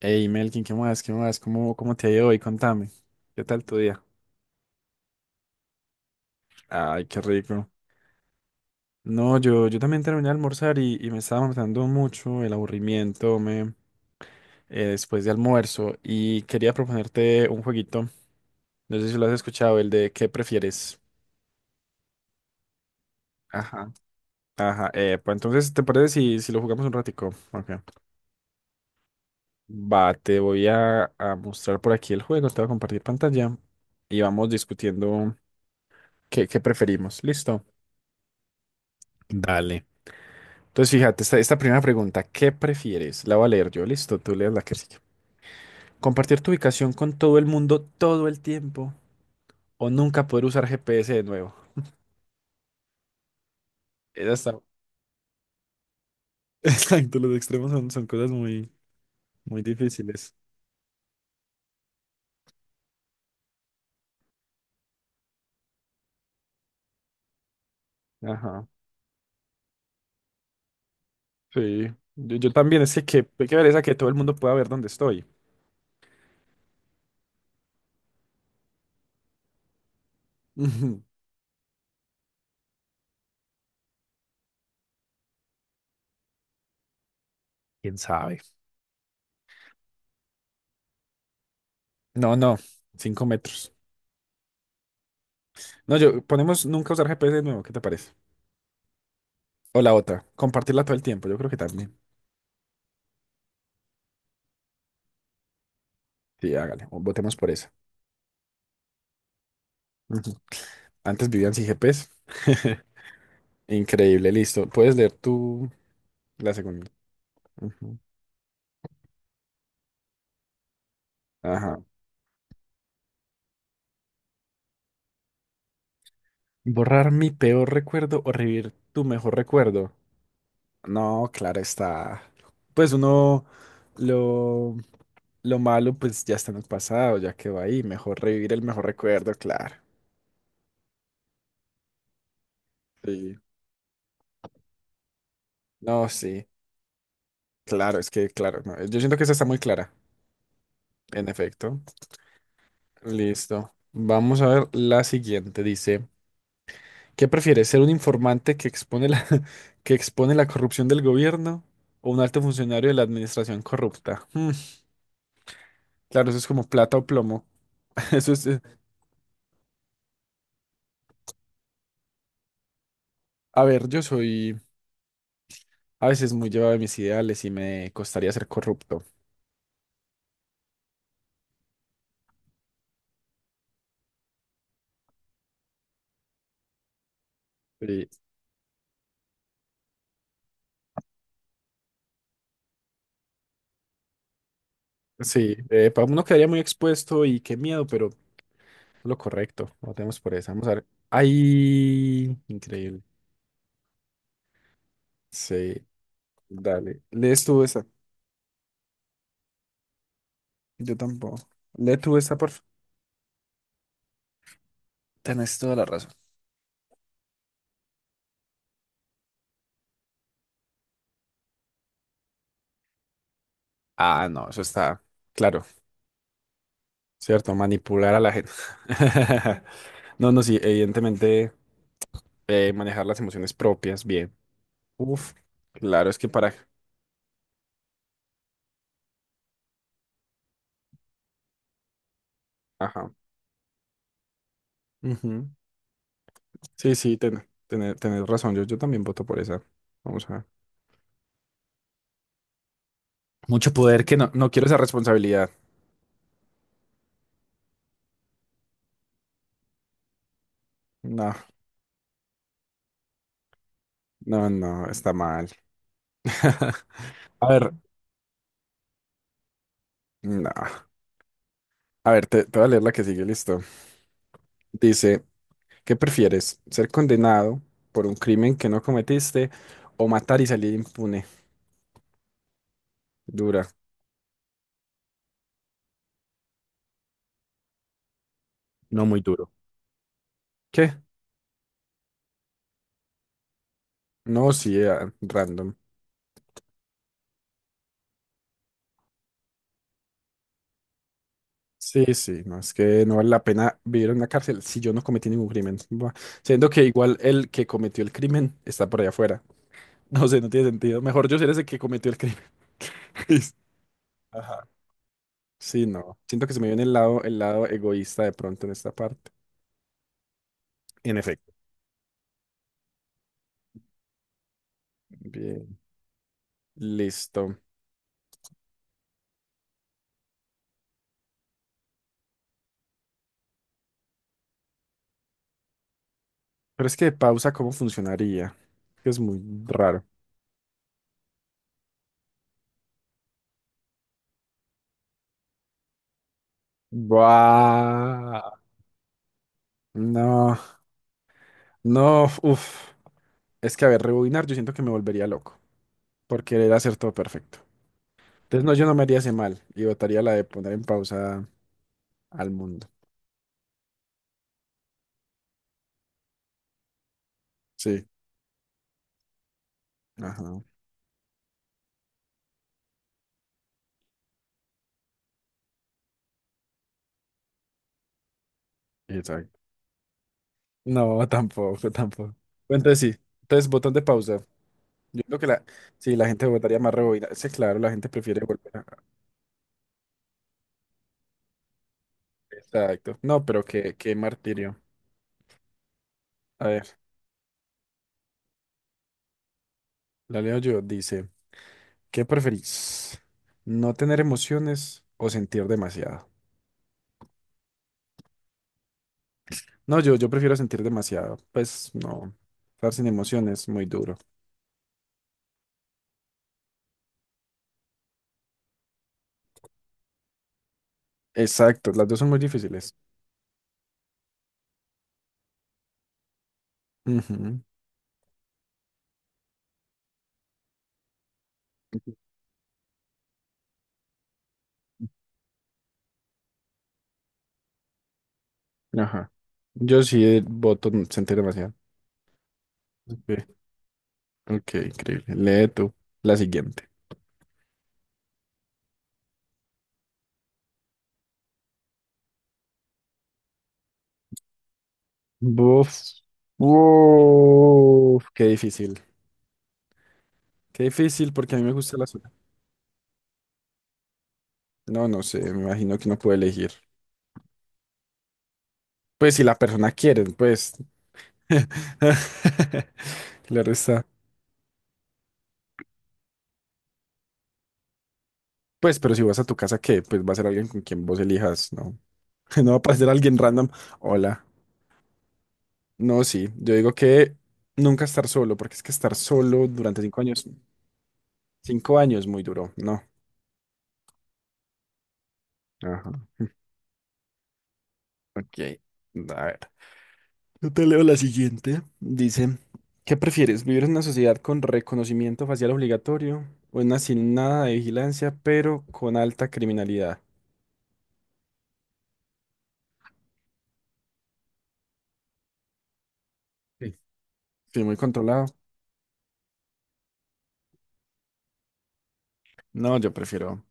Hey Melkin, ¿qué más? ¿Qué más? ¿Cómo, cómo te ha ido hoy? Contame. ¿Qué tal tu día? Ay, qué rico. No, yo también terminé de almorzar y me estaba matando mucho el aburrimiento después de almuerzo y quería proponerte un jueguito. No sé si lo has escuchado, el de ¿qué prefieres? Ajá. Ajá, pues entonces, ¿te parece si lo jugamos un ratico? Ok. Va, te voy a mostrar por aquí el juego, te voy a compartir pantalla y vamos discutiendo qué preferimos. ¿Listo? Dale. Entonces, fíjate, esta primera pregunta, ¿qué prefieres? La voy a leer yo, listo, tú lees la que sigue. ¿Compartir tu ubicación con todo el mundo todo el tiempo o nunca poder usar GPS de nuevo? Esa está... Exacto, los extremos son cosas muy, muy difíciles. Ajá, sí. Yo también, es que qué, qué pereza que todo el mundo pueda ver dónde estoy. Ujú. ¿Quién sabe? No, no, cinco metros. No, yo ponemos nunca usar GPS de nuevo, ¿qué te parece? O la otra, compartirla todo el tiempo, yo creo que también. Sí, hágale, o votemos por esa. Ujú. Antes vivían sin GPS. Increíble, listo. Puedes leer tú la segunda. Ujú. Ajá. Borrar mi peor recuerdo o revivir tu mejor recuerdo. No, claro está. Pues uno lo, lo malo, pues ya está en el pasado, ya quedó ahí. Mejor revivir el mejor recuerdo, claro. Sí. No, sí. Claro, es que, claro, no. Yo siento que esa está muy clara. En efecto. Listo. Vamos a ver la siguiente. Dice. ¿Qué prefieres, ser un informante que expone la, que expone la corrupción del gobierno o un alto funcionario de la administración corrupta? Mm, claro, eso es como plata o plomo. Eso es, a ver, yo soy a veces muy llevado de mis ideales y me costaría ser corrupto. Sí, sí, uno quedaría muy expuesto y qué miedo, pero lo correcto. Votemos por esa. Vamos a ver. ¡Ay! Increíble. Sí, dale. Lees tú esa. Yo tampoco. Lee tú esa, por favor. Tenés toda la razón. Ah, no, eso está claro, ¿cierto? Manipular a la gente. No, no, sí, evidentemente manejar las emociones propias bien. Uf, claro, es que para... Ajá. Ujú. Sí, sí, tener razón, yo también voto por esa. Vamos a ver. Mucho poder que no, no quiero esa responsabilidad. No, no, no, está mal. A ver, no. A ver, te voy a leer la que sigue, listo. Dice... ¿Qué prefieres? ¿Ser condenado por un crimen que no cometiste o matar y salir impune? Dura. No muy duro. ¿Qué? No, sí, ah, random. Sí, sí, no, es que no vale la pena vivir en la cárcel si yo no cometí ningún crimen. Buah, siendo que igual el que cometió el crimen está por allá afuera. No sé, no tiene sentido. Mejor yo ser ese que cometió el crimen. Ajá. Sí, no. Siento que se me viene el lado egoísta de pronto en esta parte. En efecto. Bien, listo. Pero es que pausa, ¿cómo funcionaría? Que es muy raro. Buah. No, no, uff. Es que, a ver, rebobinar, yo siento que me volvería loco por querer hacer todo perfecto. Entonces, no, yo no me haría ese mal y votaría la de poner en pausa al mundo. Sí, ajá, exacto. No, tampoco, tampoco. Entonces, sí, entonces, botón de pausa. Yo creo que la, sí, la gente votaría más rebobinar. Sí, claro, la gente prefiere volver a... Exacto. No, pero qué, qué martirio. A ver, la leo yo, dice. ¿Qué preferís? ¿No tener emociones o sentir demasiado? No, yo prefiero sentir demasiado. Pues no, estar sin emociones es muy duro. Exacto, las dos son muy difíciles. Ujú, ajá. Yo sí voto sentir demasiado. Ok, ok, increíble. Lee tú la siguiente. Buf. Uf, qué difícil. Qué difícil porque a mí me gusta la sola. No, no sé, me imagino que no puedo elegir. Pues si la persona quiere, pues. Claro está. Pues, pero si vas a tu casa, ¿qué? Pues va a ser alguien con quien vos elijas, ¿no? No va a aparecer alguien random. Hola. No, sí. Yo digo que nunca estar solo, porque es que estar solo durante cinco años muy duro, ¿no? Ajá. Ok. A ver. Yo te leo la siguiente. Dice, ¿qué prefieres? ¿Vivir en una sociedad con reconocimiento facial obligatorio o en una sin nada de vigilancia, pero con alta criminalidad? Sí. Sí, muy controlado. No, yo prefiero.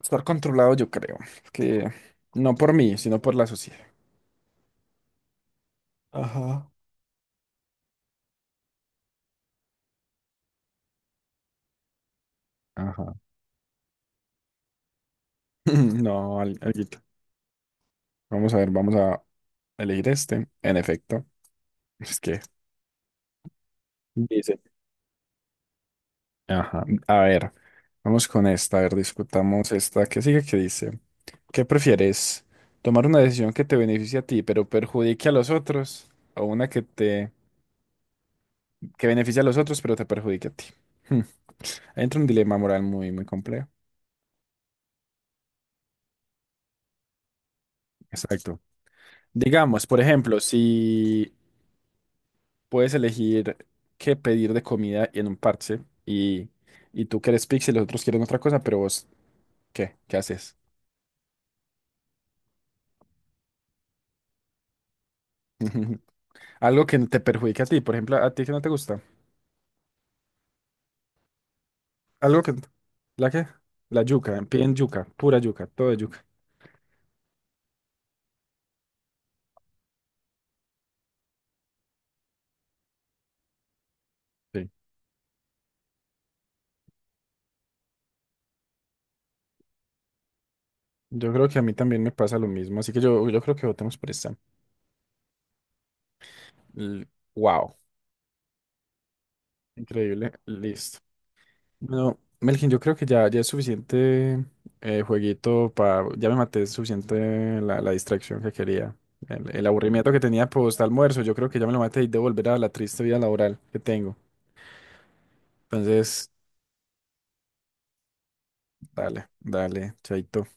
Estar controlado, yo creo. Que no por mí, sino por la sociedad. Ajá. Ajá. No, alguito. Vamos a ver, vamos a elegir este. En efecto, es que dice. Ajá. A ver, vamos con esta. A ver, discutamos esta qué sigue que dice. ¿Qué prefieres? ¿Tomar una decisión que te beneficie a ti, pero perjudique a los otros? ¿O una que beneficie a los otros, pero te perjudique a ti? Hmm. Ahí entra un dilema moral muy, muy complejo. Exacto. Digamos, por ejemplo, si puedes elegir qué pedir de comida en un parche y, y tú quieres pizza y los otros quieren otra cosa, pero vos, ¿qué? ¿Qué haces? Algo que te perjudica a ti, por ejemplo, a ti que no te gusta. Algo que... ¿La qué? La yuca, piden yuca, pura yuca, todo de yuca. Sí. Yo creo que a mí también me pasa lo mismo, así que yo creo que votemos por esta. L- Wow, increíble, listo. Bueno, Melkin, yo creo que ya es suficiente jueguito para... Ya me maté suficiente la distracción que quería. El aburrimiento que tenía post almuerzo, yo creo que ya me lo maté y de volver a la triste vida laboral que tengo. Entonces, dale, dale, chaito.